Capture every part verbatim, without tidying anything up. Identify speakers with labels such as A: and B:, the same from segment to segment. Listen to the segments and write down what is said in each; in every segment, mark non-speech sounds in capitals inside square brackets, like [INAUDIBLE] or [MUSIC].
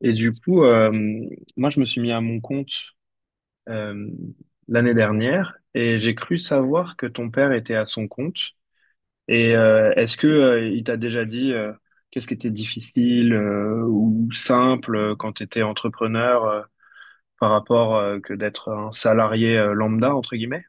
A: Et du coup, euh, moi, je me suis mis à mon compte euh, l'année dernière, et j'ai cru savoir que ton père était à son compte. Et euh, est-ce que euh, il t'a déjà dit, euh, qu'est-ce qui était difficile, euh, ou simple, euh, quand tu étais entrepreneur, euh, par rapport, euh, que d'être un salarié euh, lambda, entre guillemets?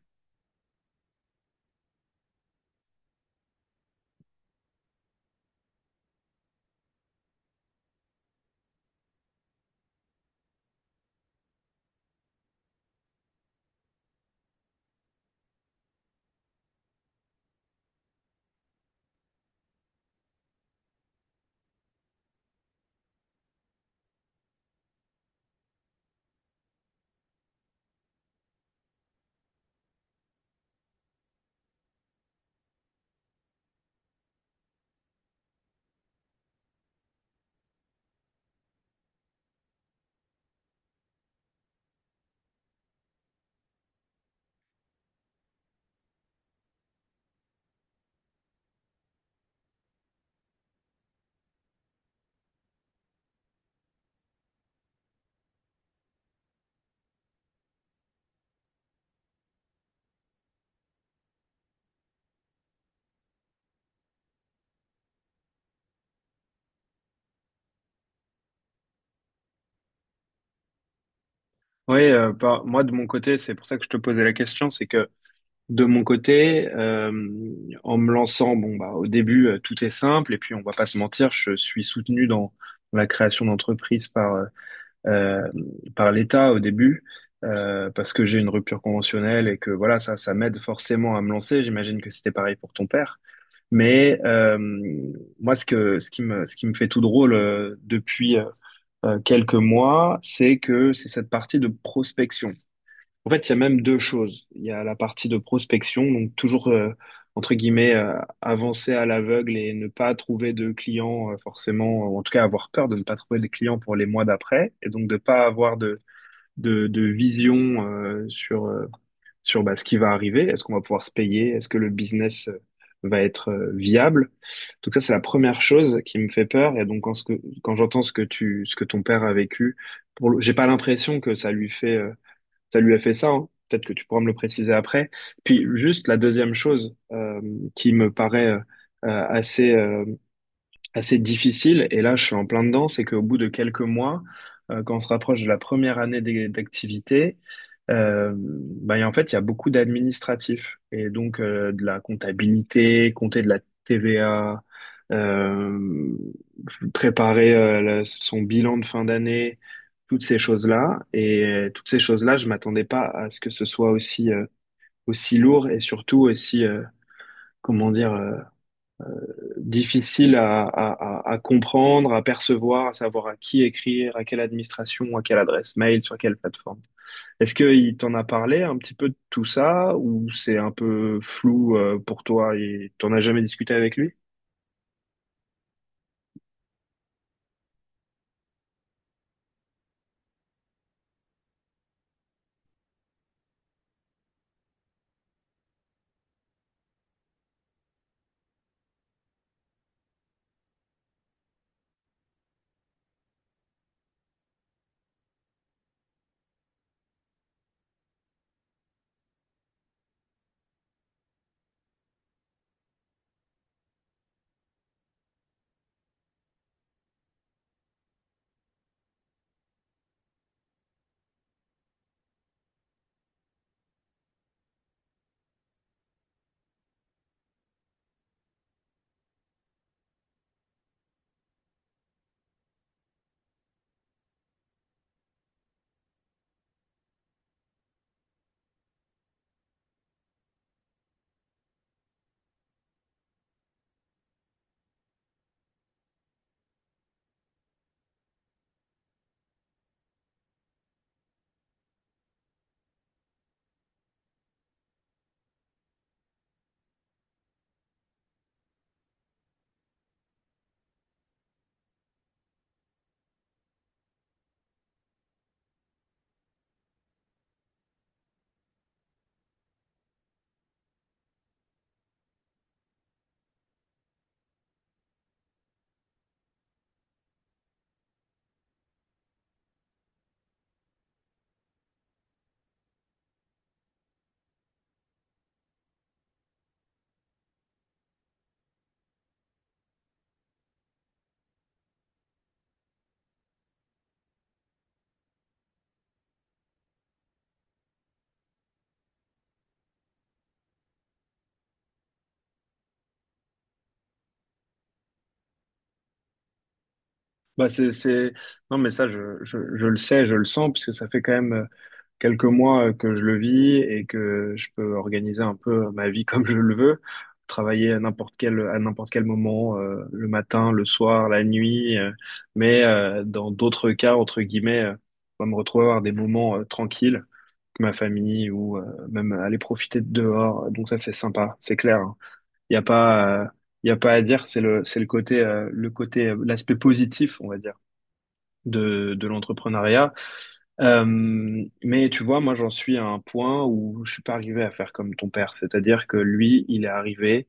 A: Oui, euh, par- moi, de mon côté, c'est pour ça que je te posais la question, c'est que De mon côté, euh, en me lançant, bon bah au début, euh, tout est simple, et puis on va pas se mentir, je suis soutenu dans la création d'entreprises par euh, euh, par l'État au début, euh, parce que j'ai une rupture conventionnelle et que voilà, ça ça m'aide forcément à me lancer. J'imagine que c'était pareil pour ton père, mais euh, moi ce que ce qui me ce qui me fait tout drôle, euh, depuis euh, euh, quelques mois, c'est que c'est cette partie de prospection. En fait, il y a même deux choses. Il y a la partie de prospection, donc toujours, euh, entre guillemets, euh, avancer à l'aveugle et ne pas trouver de clients, euh, forcément, ou en tout cas avoir peur de ne pas trouver de clients pour les mois d'après, et donc de pas avoir de, de, de vision, euh, sur, euh, sur bah, ce qui va arriver. Est-ce qu'on va pouvoir se payer? Est-ce que le business euh, va être euh, viable? Donc ça, c'est la première chose qui me fait peur. Et donc quand, ce que, quand j'entends ce que tu, ce que ton père a vécu, pour le- j'ai pas l'impression que ça lui fait... euh, ça lui a fait ça, hein. Peut-être que tu pourras me le préciser après. Puis juste la deuxième chose, euh, qui me paraît euh, euh, assez, euh, assez difficile, et là je suis en plein dedans, c'est qu'au bout de quelques mois, euh, quand on se rapproche de la première année d'é- d'activité, euh, bah, et en fait il y a beaucoup d'administratifs, et donc, euh, de la comptabilité, compter de la T V A, euh, préparer, euh, le- son bilan de fin d'année, toutes ces choses-là. Et euh, toutes ces choses-là, je m'attendais pas à ce que ce soit aussi, euh, aussi lourd, et surtout aussi, euh, comment dire, euh, difficile à, à, à à comprendre, à percevoir, à savoir à qui écrire, à quelle administration, à quelle adresse mail, sur quelle plateforme. Est-ce qu'il t'en a parlé un petit peu de tout ça, ou c'est un peu flou, euh, pour toi, et t'en as jamais discuté avec lui? Bah c'est, c'est... Non, mais ça je, je, je le sais, je le sens, puisque ça fait quand même quelques mois, euh, que je le vis et que je peux organiser un peu ma vie [LAUGHS] comme je le veux, travailler à n'importe quel, à n'importe quel moment, euh, le matin, le soir, la nuit, euh, mais euh, dans d'autres cas, entre guillemets, euh, on va me retrouver à avoir des moments, euh, tranquilles avec ma famille, ou euh, même aller profiter de dehors. Donc ça, c'est sympa, c'est clair, hein. Il n'y a pas, euh, il y a pas à dire, c'est le, c'est le côté, euh, le côté, euh, l'aspect positif, on va dire, de, de l'entrepreneuriat. Euh, mais tu vois, moi j'en suis à un point où je suis pas arrivé à faire comme ton père, c'est-à-dire que lui, il est arrivé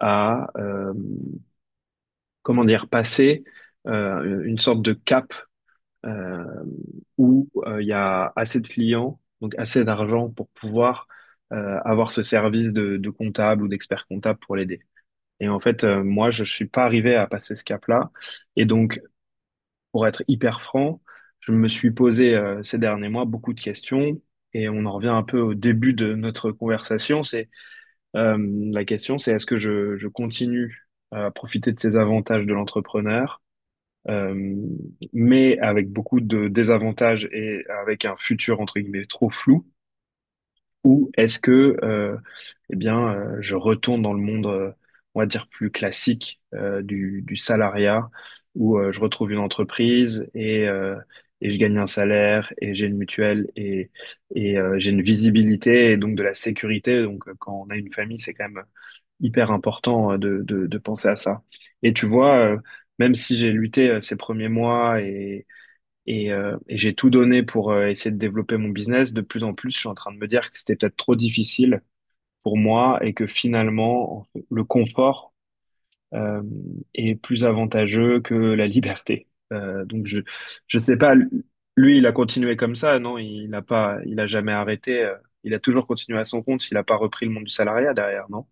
A: à euh, comment dire, passer euh, une sorte de cap, euh, où euh, il y a assez de clients, donc assez d'argent pour pouvoir, euh, avoir ce service de, de comptable ou d'expert comptable pour l'aider. Et en fait, euh, moi, je suis pas arrivé à passer ce cap-là, et donc pour être hyper franc, je me suis posé, euh, ces derniers mois, beaucoup de questions, et on en revient un peu au début de notre conversation. C'est euh, la question, c'est est-ce que je, je continue à profiter de ces avantages de l'entrepreneur, euh, mais avec beaucoup de désavantages et avec un futur, entre guillemets, trop flou, ou est-ce que euh, eh bien, euh, je retourne dans le monde, euh, on va dire, plus classique, euh, du, du salariat, où, euh, je retrouve une entreprise, et, euh, et je gagne un salaire, et j'ai une mutuelle, et, et euh, j'ai une visibilité et donc de la sécurité. Donc, euh, quand on a une famille, c'est quand même hyper important, euh, de, de, de penser à ça. Et tu vois, euh, même si j'ai lutté, euh, ces premiers mois, et, euh, et j'ai tout donné pour, euh, essayer de développer mon business. De plus en plus, je suis en train de me dire que c'était peut-être trop difficile pour moi, et que finalement, le confort, euh, est plus avantageux que la [LAUGHS] liberté. Euh, donc je je sais pas. Lui, il a continué comme ça, non? Il n'a pas, il a jamais arrêté. Euh, il a toujours continué à son compte. Il n'a pas repris le monde du salariat derrière, non?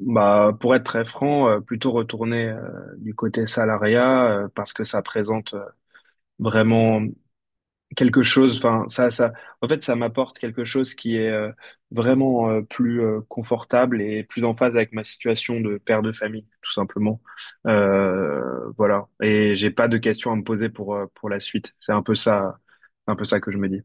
A: Bah, pour être très franc, euh, plutôt retourner, euh, du côté salariat, euh, parce que ça présente, euh, vraiment quelque chose, enfin ça, ça, en fait, ça m'apporte quelque chose qui est, euh, vraiment euh, plus euh, confortable et plus en phase avec ma situation de père de famille, tout simplement. Euh, voilà. Et j'ai pas de questions à me poser pour, euh, pour la suite. C'est un peu ça, c'est un peu ça que je me dis.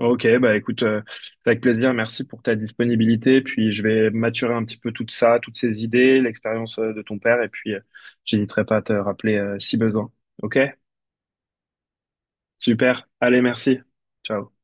A: Ok, bah écoute, euh, c'est avec plaisir. Merci pour ta disponibilité. Puis je vais maturer un petit peu tout ça, toutes ces idées, l'expérience, euh, de ton père, et puis, euh, j'hésiterai pas à te rappeler, euh, si besoin. Ok, super. Allez, merci. Ciao.